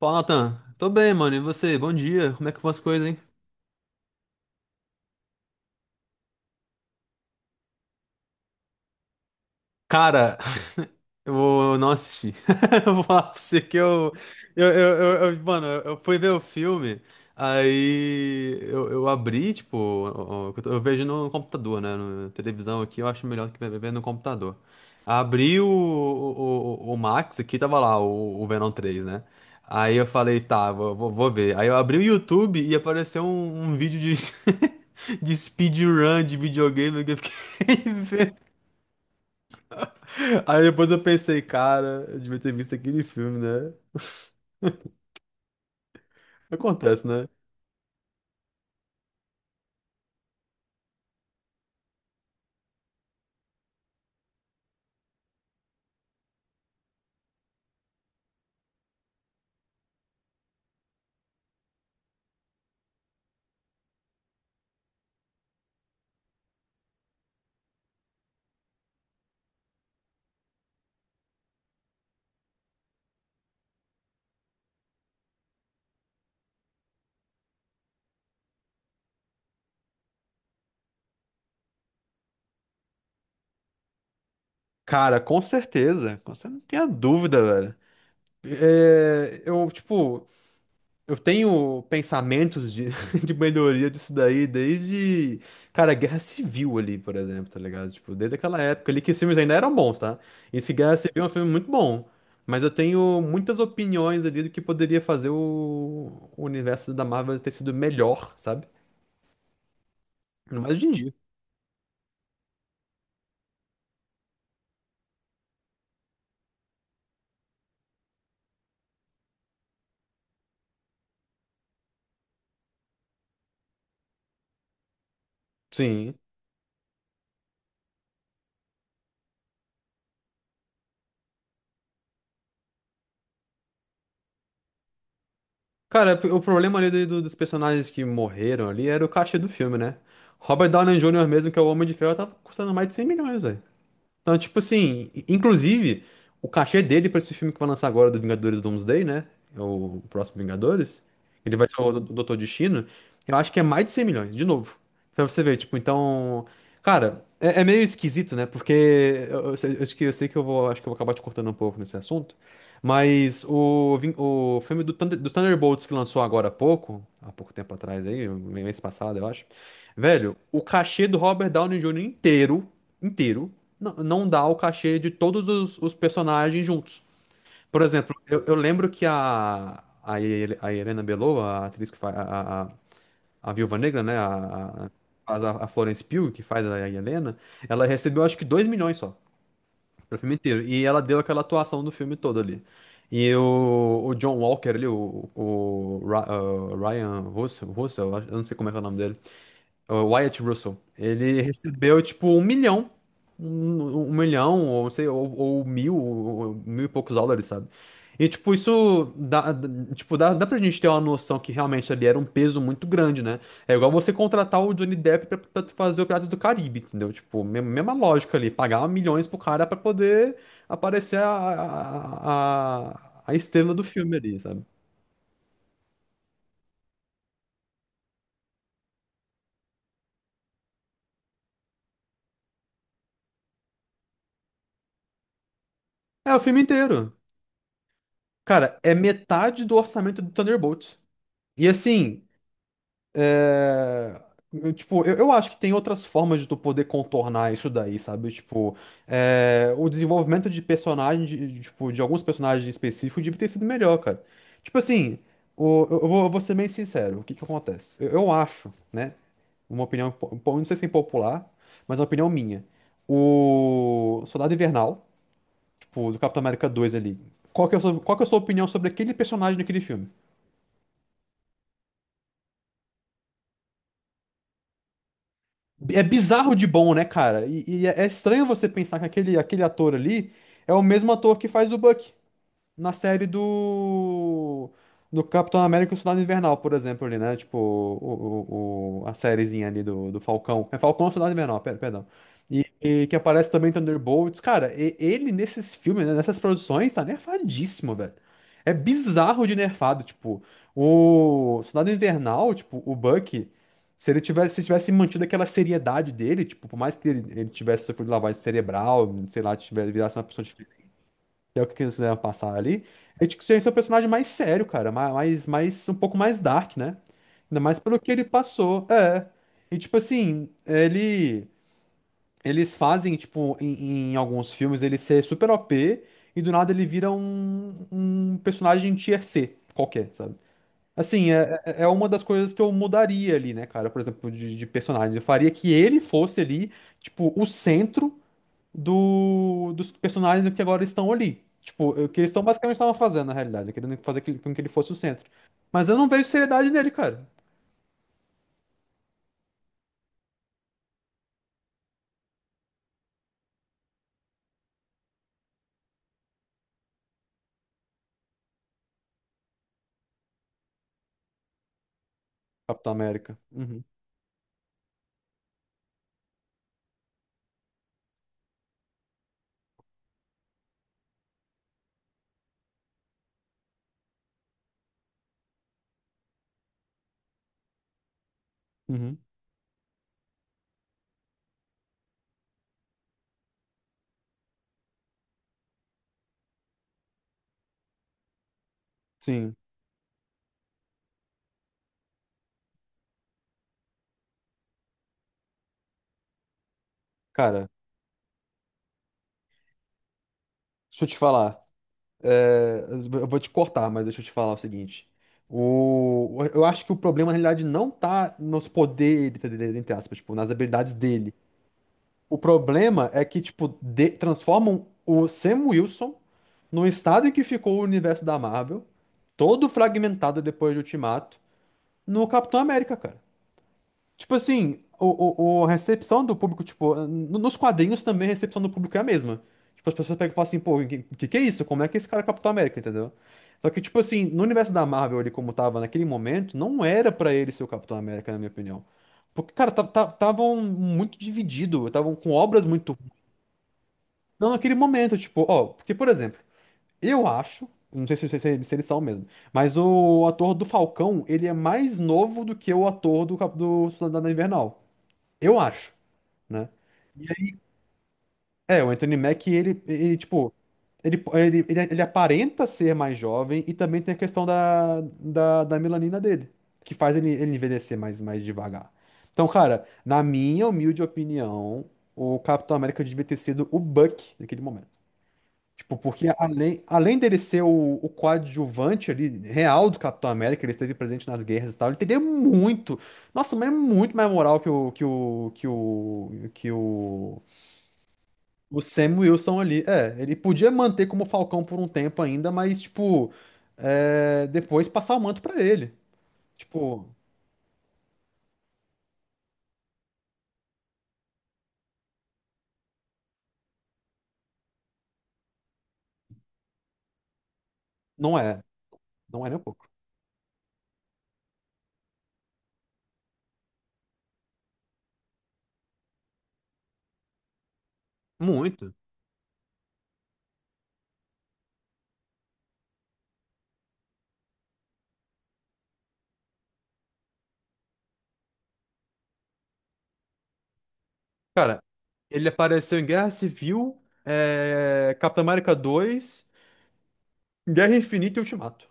Fala, Natan. Tô bem, mano. E você? Bom dia. Como é que vão as coisas, hein? Cara, eu vou não assistir. Eu vou falar pra você que eu- mano, eu fui ver o filme, aí eu abri, tipo, eu vejo no computador, né? Na televisão aqui, eu acho melhor do que ver no computador. Abri o Max aqui, tava lá, o Venom três, né? Aí eu falei, tá, vou ver. Aí eu abri o YouTube e apareceu um vídeo de, de speedrun de videogame que eu fiquei. Aí depois eu pensei, cara, eu devia ter visto aquele filme, né? Acontece, né? Cara, com certeza. Não tem a dúvida, velho. É, eu tenho pensamentos de, de melhoria disso daí desde, cara, Guerra Civil ali, por exemplo, tá ligado? Tipo, desde aquela época ali que os filmes ainda eram bons, tá? Isso que Guerra Civil é um filme muito bom. Mas eu tenho muitas opiniões ali do que poderia fazer o universo da Marvel ter sido melhor, sabe? Ainda mais hoje em dia. Sim. Cara, o problema ali dos personagens que morreram ali era o cachê do filme, né? Robert Downey Jr. mesmo, que é o Homem de Ferro, tava custando mais de 100 milhões, então, tipo assim, inclusive, o cachê dele pra esse filme que vai lançar agora do Vingadores Doomsday, né? É o próximo Vingadores. Ele vai ser o Doutor Destino. Eu acho que é mais de 100 milhões, de novo. Pra você ver, tipo, então. Cara, é, é meio esquisito, né? Porque eu sei, eu acho que eu sei que eu vou, acho que eu vou acabar te cortando um pouco nesse assunto. Mas o, o filme do dos Thunderbolts que lançou agora há pouco tempo atrás aí, mês passado, eu acho. Velho, o cachê do Robert Downey Jr. inteiro, inteiro. Não dá o cachê de todos os personagens juntos. Por exemplo, eu lembro que a Helena Belova, a atriz que faz a Viúva Negra, né? Faz a Florence Pugh, que faz a Helena, ela recebeu acho que 2 milhões só pro filme inteiro. E ela deu aquela atuação do filme todo ali. E o John Walker ali, Ryan Russell, Russell, eu não sei como é que é o nome dele. É o Wyatt Russell. Ele recebeu, tipo, um milhão. Um milhão, ou não sei, ou mil, mil e poucos dólares, sabe? E, tipo, isso tipo, dá pra gente ter uma noção que realmente ali era um peso muito grande, né? É igual você contratar o Johnny Depp pra, pra tu fazer o Piratas do Caribe, entendeu? Tipo, mesma lógica ali, pagar milhões pro cara pra poder aparecer a estrela do filme ali, sabe? É o filme inteiro. Cara, é metade do orçamento do Thunderbolts. E assim, é, eu, tipo, eu acho que tem outras formas de tu poder contornar isso daí, sabe? Tipo, é, o desenvolvimento de personagem, de alguns personagens específicos devia ter sido melhor, cara. Tipo assim, eu vou ser bem sincero, o que que acontece? Eu acho, né? Uma opinião, não sei se é popular, mas é uma opinião minha. O Soldado Invernal, tipo, do Capitão América 2 ali. Qual que é a sua, qual que é a sua opinião sobre aquele personagem naquele filme? É bizarro de bom, né, cara? E, é estranho você pensar que aquele, aquele ator ali é o mesmo ator que faz o Buck na série do Capitão América e o Soldado Invernal, por exemplo, ali, né? Tipo, a sériezinha ali do Falcão. É Falcão ou Soldado Invernal, perdão. E que aparece também em Thunderbolts. Cara, ele nesses filmes, né, nessas produções, tá nerfadíssimo, velho. É bizarro de nerfado, tipo, o Soldado Invernal, tipo, o Bucky, se ele tivesse, se tivesse mantido aquela seriedade dele, tipo, por mais que ele tivesse sofrido lavagem cerebral, sei lá, tivesse, virasse uma pessoa que é o que eles quiseram passar ali, é de que ser um personagem mais sério, cara, mais, um pouco mais dark, né? Ainda mais pelo que ele passou. É. E tipo assim, ele. Eles fazem, tipo, em alguns filmes ele ser super OP e do nada ele vira um personagem tier C qualquer, sabe? Assim, é, uma das coisas que eu mudaria ali, né, cara? Por exemplo, de personagem. Eu faria que ele fosse ali, tipo, o centro dos personagens que agora estão ali. Tipo, o que eles estão basicamente estavam fazendo, na realidade, querendo fazer com que ele fosse o centro. Mas eu não vejo seriedade nele, cara. Capitão América. Uhum. Uhum. Sim. Cara, deixa eu te falar. É, eu vou te cortar, mas deixa eu te falar o seguinte. O, eu acho que o problema, na realidade, não tá nos poderes, entre aspas, tipo, nas habilidades dele. O problema é que, tipo, transformam o Sam Wilson no estado em que ficou o universo da Marvel, todo fragmentado depois de Ultimato, no Capitão América, cara. Tipo assim, a recepção do público, tipo, nos quadrinhos também a recepção do público é a mesma. Tipo, as pessoas pegam e falam assim, pô, o que, que é isso? Como é que esse cara é Capitão América, entendeu? Só que, tipo assim, no universo da Marvel, ele como tava naquele momento, não era pra ele ser o Capitão América, na minha opinião. Porque, cara, estavam muito dividido, estavam com obras muito. Não, naquele momento, tipo, ó, porque, por exemplo, eu acho, não sei se eles são mesmo, mas o ator do Falcão, ele é mais novo do que o ator do, do Soldado Invernal. Eu acho, né? É, o Anthony Mack, ele tipo, ele aparenta ser mais jovem e também tem a questão da melanina dele, que faz ele envelhecer mais, mais devagar. Então, cara, na minha humilde opinião, o Capitão América devia ter sido o Buck naquele momento. Tipo, porque além, além dele ser o coadjuvante ali, real do Capitão América, ele esteve presente nas guerras e tal, ele teria muito, nossa, mas é muito mais moral o Sam Wilson ali. É, ele podia manter como Falcão por um tempo ainda, mas, tipo, é, depois passar o manto pra ele. Tipo, não é, não é nem um pouco. Muito. Cara, ele apareceu em Guerra Civil, é, Capitão América dois, Guerra Infinita e Ultimato.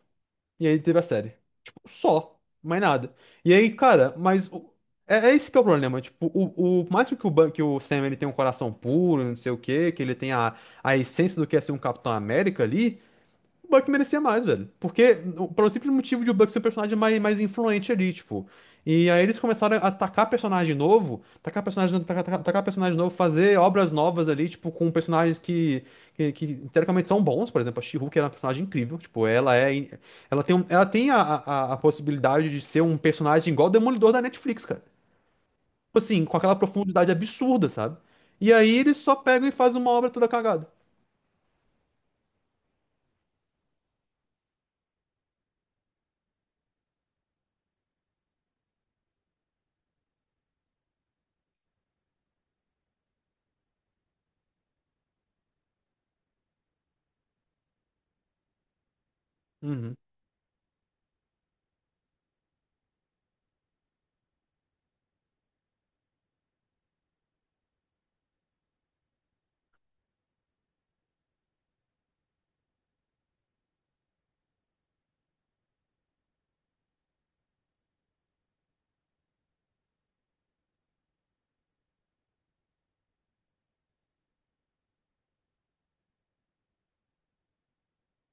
E aí teve a série. Tipo, só. Mais nada. E aí, cara, mas é, é esse que é o problema. Tipo, o por mais que o, que o Sam ele tem um coração puro, não sei o quê, que ele tenha a essência do que é ser um Capitão América ali, o Buck merecia mais, velho. Porque, pelo simples motivo de o Buck ser o personagem mais, mais influente ali, tipo. E aí eles começaram a atacar personagem novo, atacar personagem, atacar personagem novo, fazer obras novas ali, tipo, com personagens que teoricamente são bons. Por exemplo, a She-Hulk era uma personagem incrível. Tipo, ela é. Ela tem, ela tem a possibilidade de ser um personagem igual o Demolidor da Netflix, cara. Tipo assim, com aquela profundidade absurda, sabe? E aí eles só pegam e fazem uma obra toda cagada. Uhum.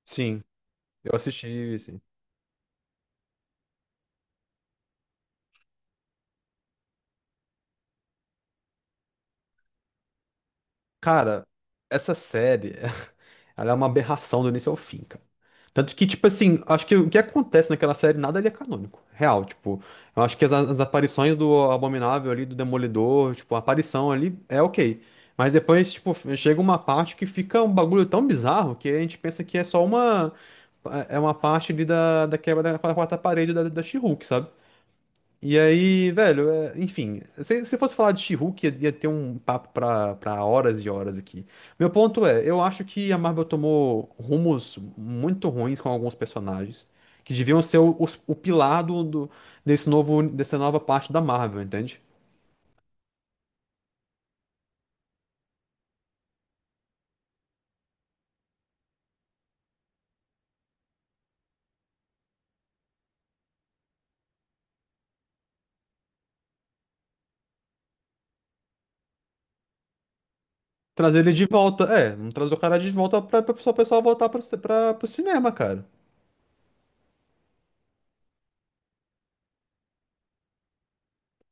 Sim, eu assisti. Cara, essa série, ela é uma aberração do início ao fim, cara. Tanto que, tipo assim, acho que o que acontece naquela série, nada ali é canônico. Real, tipo, eu acho que as aparições do Abominável ali, do Demolidor, tipo, a aparição ali é ok. Mas depois, tipo, chega uma parte que fica um bagulho tão bizarro que a gente pensa que é só uma. É uma parte ali da quebra da quarta parede da she, sabe? E aí, velho, é, enfim, se fosse falar de She-Hulk, ia ter um papo pra, pra horas e horas aqui. Meu ponto é, eu acho que a Marvel tomou rumos muito ruins com alguns personagens, que deviam ser o pilar desse novo, dessa nova parte da Marvel, entende? Trazer ele de volta, é, não trazer o cara de volta pra, o pessoal voltar pro, pra, pro cinema, cara.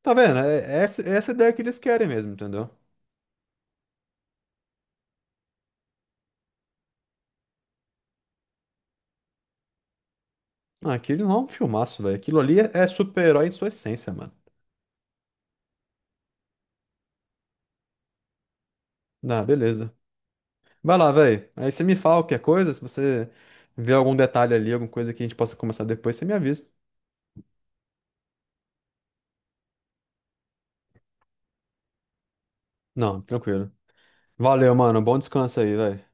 Tá vendo? É, é essa ideia que eles querem mesmo, entendeu? Ah, aquele não é um filmaço, velho. Aquilo ali é, é super-herói em sua essência, mano. Ah, beleza. Vai lá, velho. Aí você me fala qualquer coisa, se você vê algum detalhe ali, alguma coisa que a gente possa começar depois, você me avisa. Não, tranquilo. Valeu, mano. Bom descanso aí, velho.